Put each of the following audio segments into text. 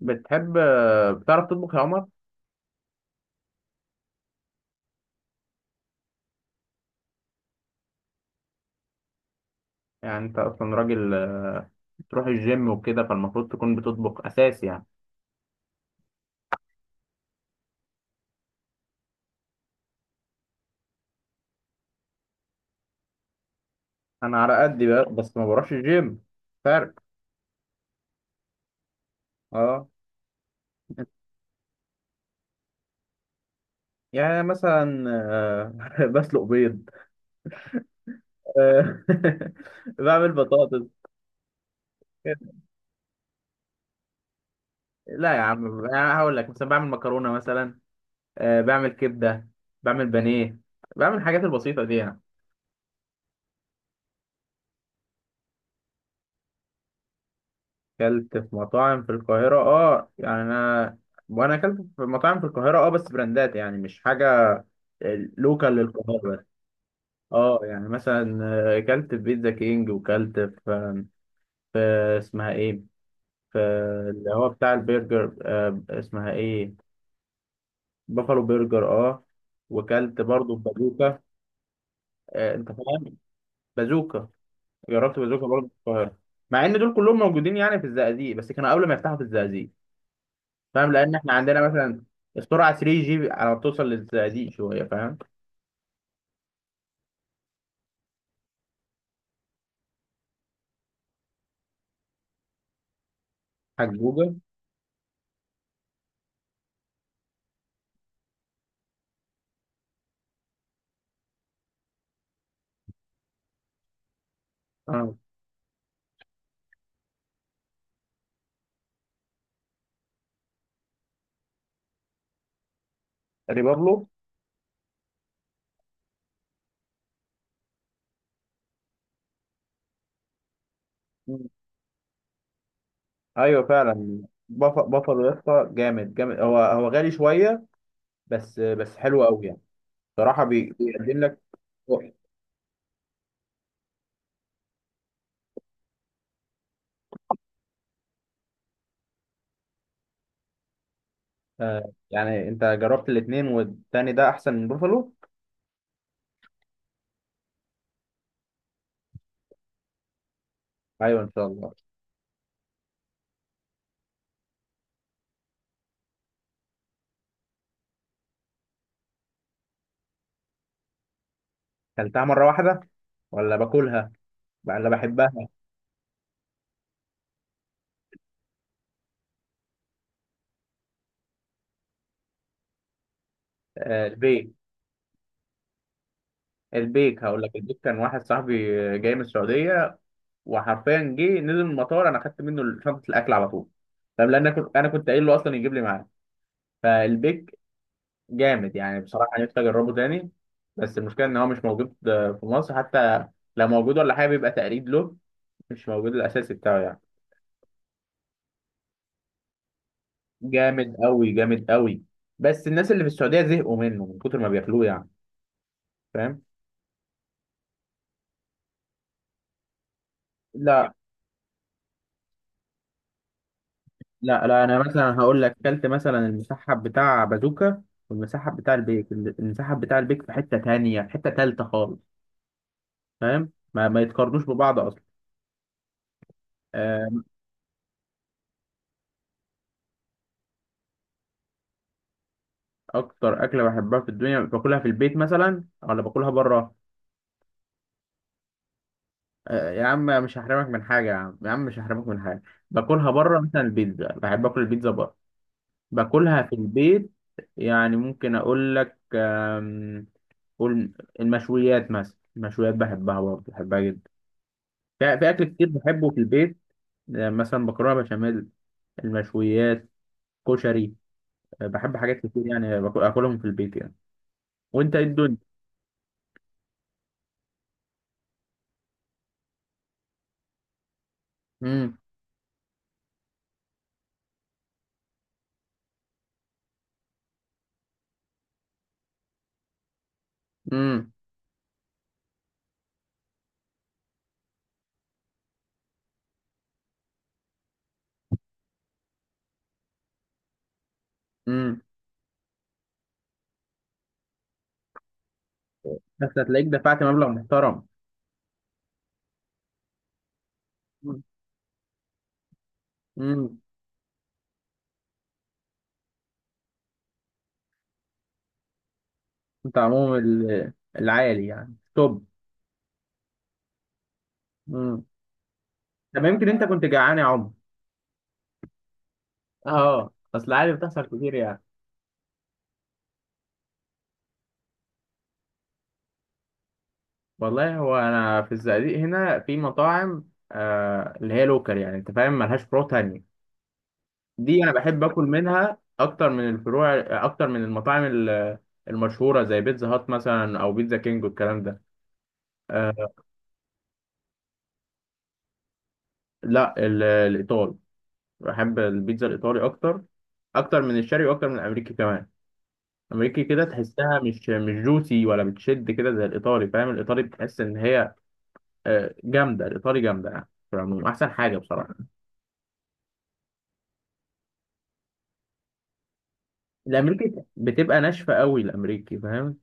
بتحب بتعرف تطبخ يا عمر؟ يعني انت اصلا راجل، بتروح الجيم وكده، فالمفروض تكون بتطبخ اساسي يعني. انا على قدي بقى، بس ما بروحش الجيم. فرق. اه، يعني مثلا بسلق بيض. آه، بعمل بطاطس. لا يا عم، يعني هقول لك مثلا بعمل مكرونه مثلا. بعمل كبده. بعمل بانيه. بعمل الحاجات البسيطه دي يعني. اكلت في مطاعم في القاهرة، يعني انا. وانا اكلت في مطاعم في القاهرة، بس براندات يعني، مش حاجة لوكال للقاهرة بس. اه، يعني مثلا، اكلت في بيتزا كينج وكلت في اسمها ايه، في اللي هو بتاع البرجر، اسمها ايه؟ بافالو برجر، اه. وكلت برضو في بازوكا. انت فاهم؟ بازوكا، جربت بازوكا برضو في القاهرة، مع ان دول كلهم موجودين يعني في الزقازيق، بس كانوا قبل ما يفتحوا في الزقازيق. فاهم؟ لان احنا عندنا مثلا السرعه 3 جي على ما توصل للزقازيق شويه، فاهم؟ حجوجه. اه، ريبابلو. مم. ايوه، فعلا. بافالو يا اسطى، جامد جامد، هو هو غالي شويه، بس بس حلو قوي يعني. صراحه، بيقدم لك. يعني انت جربت الاثنين والتاني ده احسن من بافالو؟ ايوه، ان شاء الله. كلتها مره واحده، ولا باكلها، ولا بحبها. البيك. البيك هقول لك، البيك كان واحد صاحبي جاي من السعوديه، وحرفيا جه نزل من المطار، انا خدت منه شنطه الاكل على طول. طب لان انا كنت قايل له اصلا يجيب لي معاه. فالبيك جامد يعني، بصراحه نفسي اجربه تاني. بس المشكله ان هو مش موجود في مصر حتى. لو موجود ولا حاجه بيبقى تقليد له، مش موجود الاساسي بتاعه يعني. جامد قوي، جامد قوي. بس الناس اللي في السعوديه زهقوا منه من كتر ما بياكلوه يعني. فاهم؟ لا لا لا، انا مثلا هقول لك كلت مثلا المسحب بتاع بازوكا والمسحب بتاع البيك. المسحب بتاع البيك في حته تانية، في حته تالته خالص. فاهم؟ ما, ما يتقارنوش ببعض اصلا. آه، اكتر اكله بحبها في الدنيا، باكلها في البيت مثلا ولا باكلها بره؟ يا عم، مش هحرمك من حاجه يا عم، يا عم مش هحرمك من حاجه. باكلها بره مثلا البيتزا، بحب اكل البيتزا بره. باكلها في البيت يعني، ممكن اقول لك قول. المشويات مثلا، المشويات بحبها برضه، بحبها جدا. في اكل كتير بحبه في البيت. مثلا مكرونه بشاميل، المشويات، كشري. بحب حاجات كتير يعني، اكلهم في البيت يعني. وانت ايه الدنيا؟ امم امم امم بس هتلاقيك دفعت مبلغ محترم. امم انت عموما العالي يعني توب. امم طب يمكن انت كنت جعان يا عمر؟ اه، اصل العالي بتحصل كتير يعني. والله، هو انا في الزقازيق هنا في مطاعم اللي هي لوكال يعني، انت فاهم ملهاش فروع تانية. دي انا بحب اكل منها اكتر من الفروع، اكتر من المطاعم المشهورة زي بيتزا هات مثلا او بيتزا كينج والكلام ده. آه لا، ال- الايطال بحب البيتزا الإيطالي أكتر، أكتر من الشرقي وأكتر من الأمريكي كمان. الأمريكي كده تحسها مش جوسي، ولا بتشد كده زي الإيطالي. فاهم؟ الإيطالي بتحس إن هي جامدة. الإيطالي جامدة يعني، في العموم أحسن حاجة بصراحة. الأمريكي بتبقى ناشفة قوي الأمريكي، فاهم؟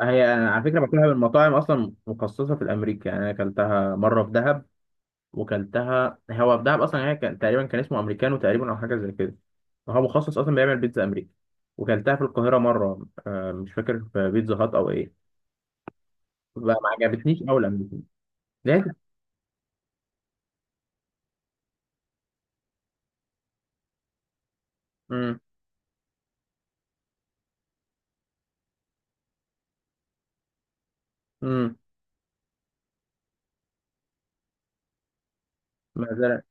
هي أنا على فكرة باكلها من مطاعم أصلا مخصصة في الأمريكي يعني. أنا أكلتها مرة في دهب، وكلتها هو في دهب اصلا. هي كان تقريبا كان اسمه امريكانو تقريبا، او حاجه زي كده. هو مخصص اصلا بيعمل بيتزا امريكا. وكلتها في القاهره مره، مش فاكر في بيتزا هات او ايه. بقى ما عجبتنيش اول امريكانو لقيت. امم امم مثلا.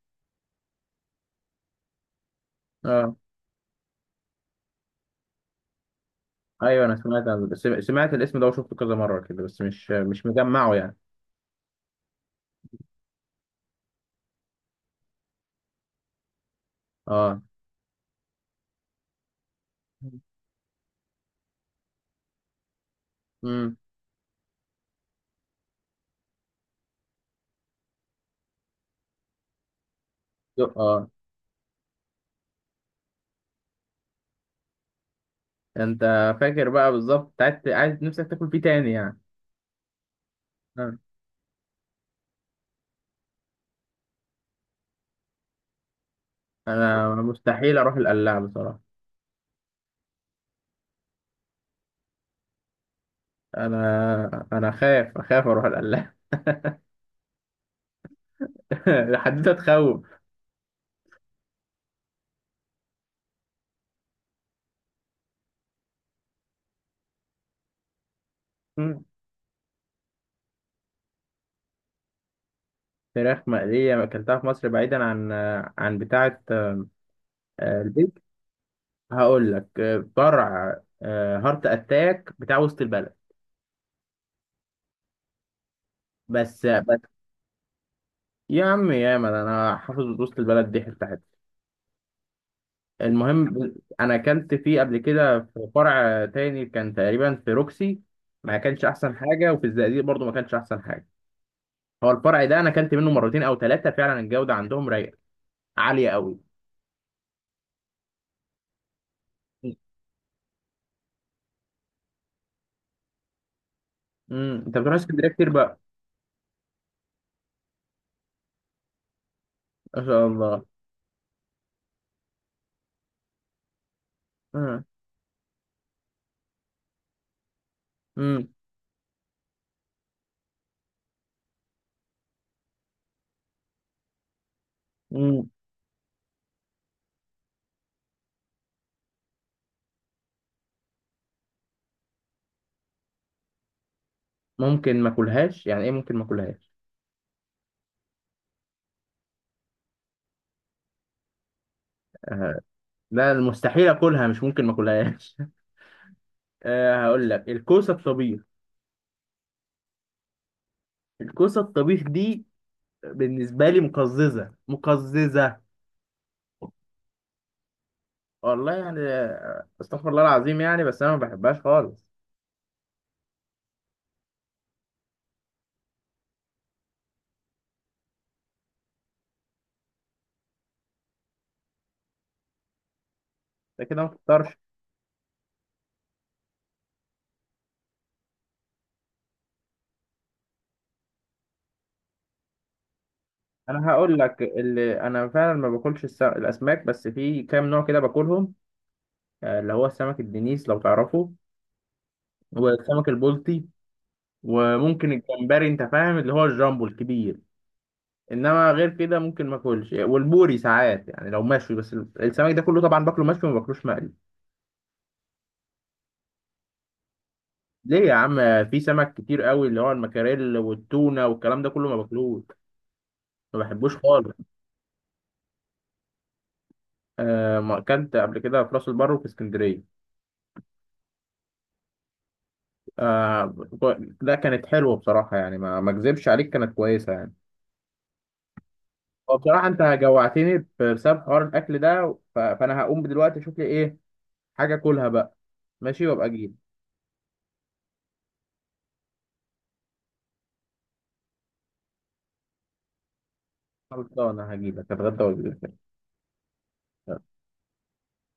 اه، ايوه، انا سمعت عن سمعت الاسم ده وشفته كذا مره كده، بس مش مش مجمعه يعني. اه، امم اه، انت فاكر بقى بالظبط، انت عايز، عايز نفسك تاكل فيه تاني يعني. آه. انا مستحيل اروح القلاع بصراحه. انا اخاف اروح القلاع. الحدوته تخوف. مم. فراخ مقليه اكلتها في مصر، بعيدا عن بتاعه، البيت. هقول لك فرع هارت اتاك بتاع وسط البلد. بس بس يا عم، يا ما انا حافظ وسط البلد دي حته حته. المهم، انا اكلت فيه قبل كده في فرع تاني كان تقريبا في روكسي، ما كانش احسن حاجه. وفي الزقازيق برضو ما كانش احسن حاجه. هو الفرع ده انا اكلت منه مرتين او ثلاثه، فعلا الجوده عندهم رايقه عاليه قوي. انت بتروح اسكندريه كتير بقى؟ ما شاء الله. امم امم امم ممكن ما اكلهاش؟ يعني ايه ممكن ما اكلهاش. لا، المستحيل اكلها مش ممكن ما اكلهاش. أه، هقول لك الكوسه الطبيخ. الكوسه الطبيخ دي بالنسبه لي، مقززه مقززه. والله، يعني استغفر الله العظيم يعني، بس انا ما بحبهاش خالص. ده كده ما تفطرش. انا هقول لك اللي انا فعلا ما باكلش، الاسماك. بس في كام نوع كده باكلهم، اللي هو سمك الدنيس لو تعرفه، والسمك البلطي، وممكن الجمبري، انت فاهم اللي هو الجامبو الكبير. انما غير كده ممكن ما اكلش، والبوري ساعات يعني لو مشوي. بس السمك ده كله طبعا باكله مشوي، ما باكلوش مقلي. ليه يا عم؟ في سمك كتير قوي اللي هو المكاريل والتونه والكلام ده كله ما باكلوش، ما بحبوش خالص. آه، ما اكلت قبل كده في راس البر وفي اسكندريه. آه، ده كانت حلوه بصراحه يعني، ما ما اكذبش عليك كانت كويسه يعني. هو بصراحه انت جوعتني بسبب حوار الاكل ده، فانا هقوم دلوقتي اشوف لي ايه حاجه اكلها بقى. ماشي، وابقى اجيلك. خلصانة هجيبك، هتغدى واجيلك.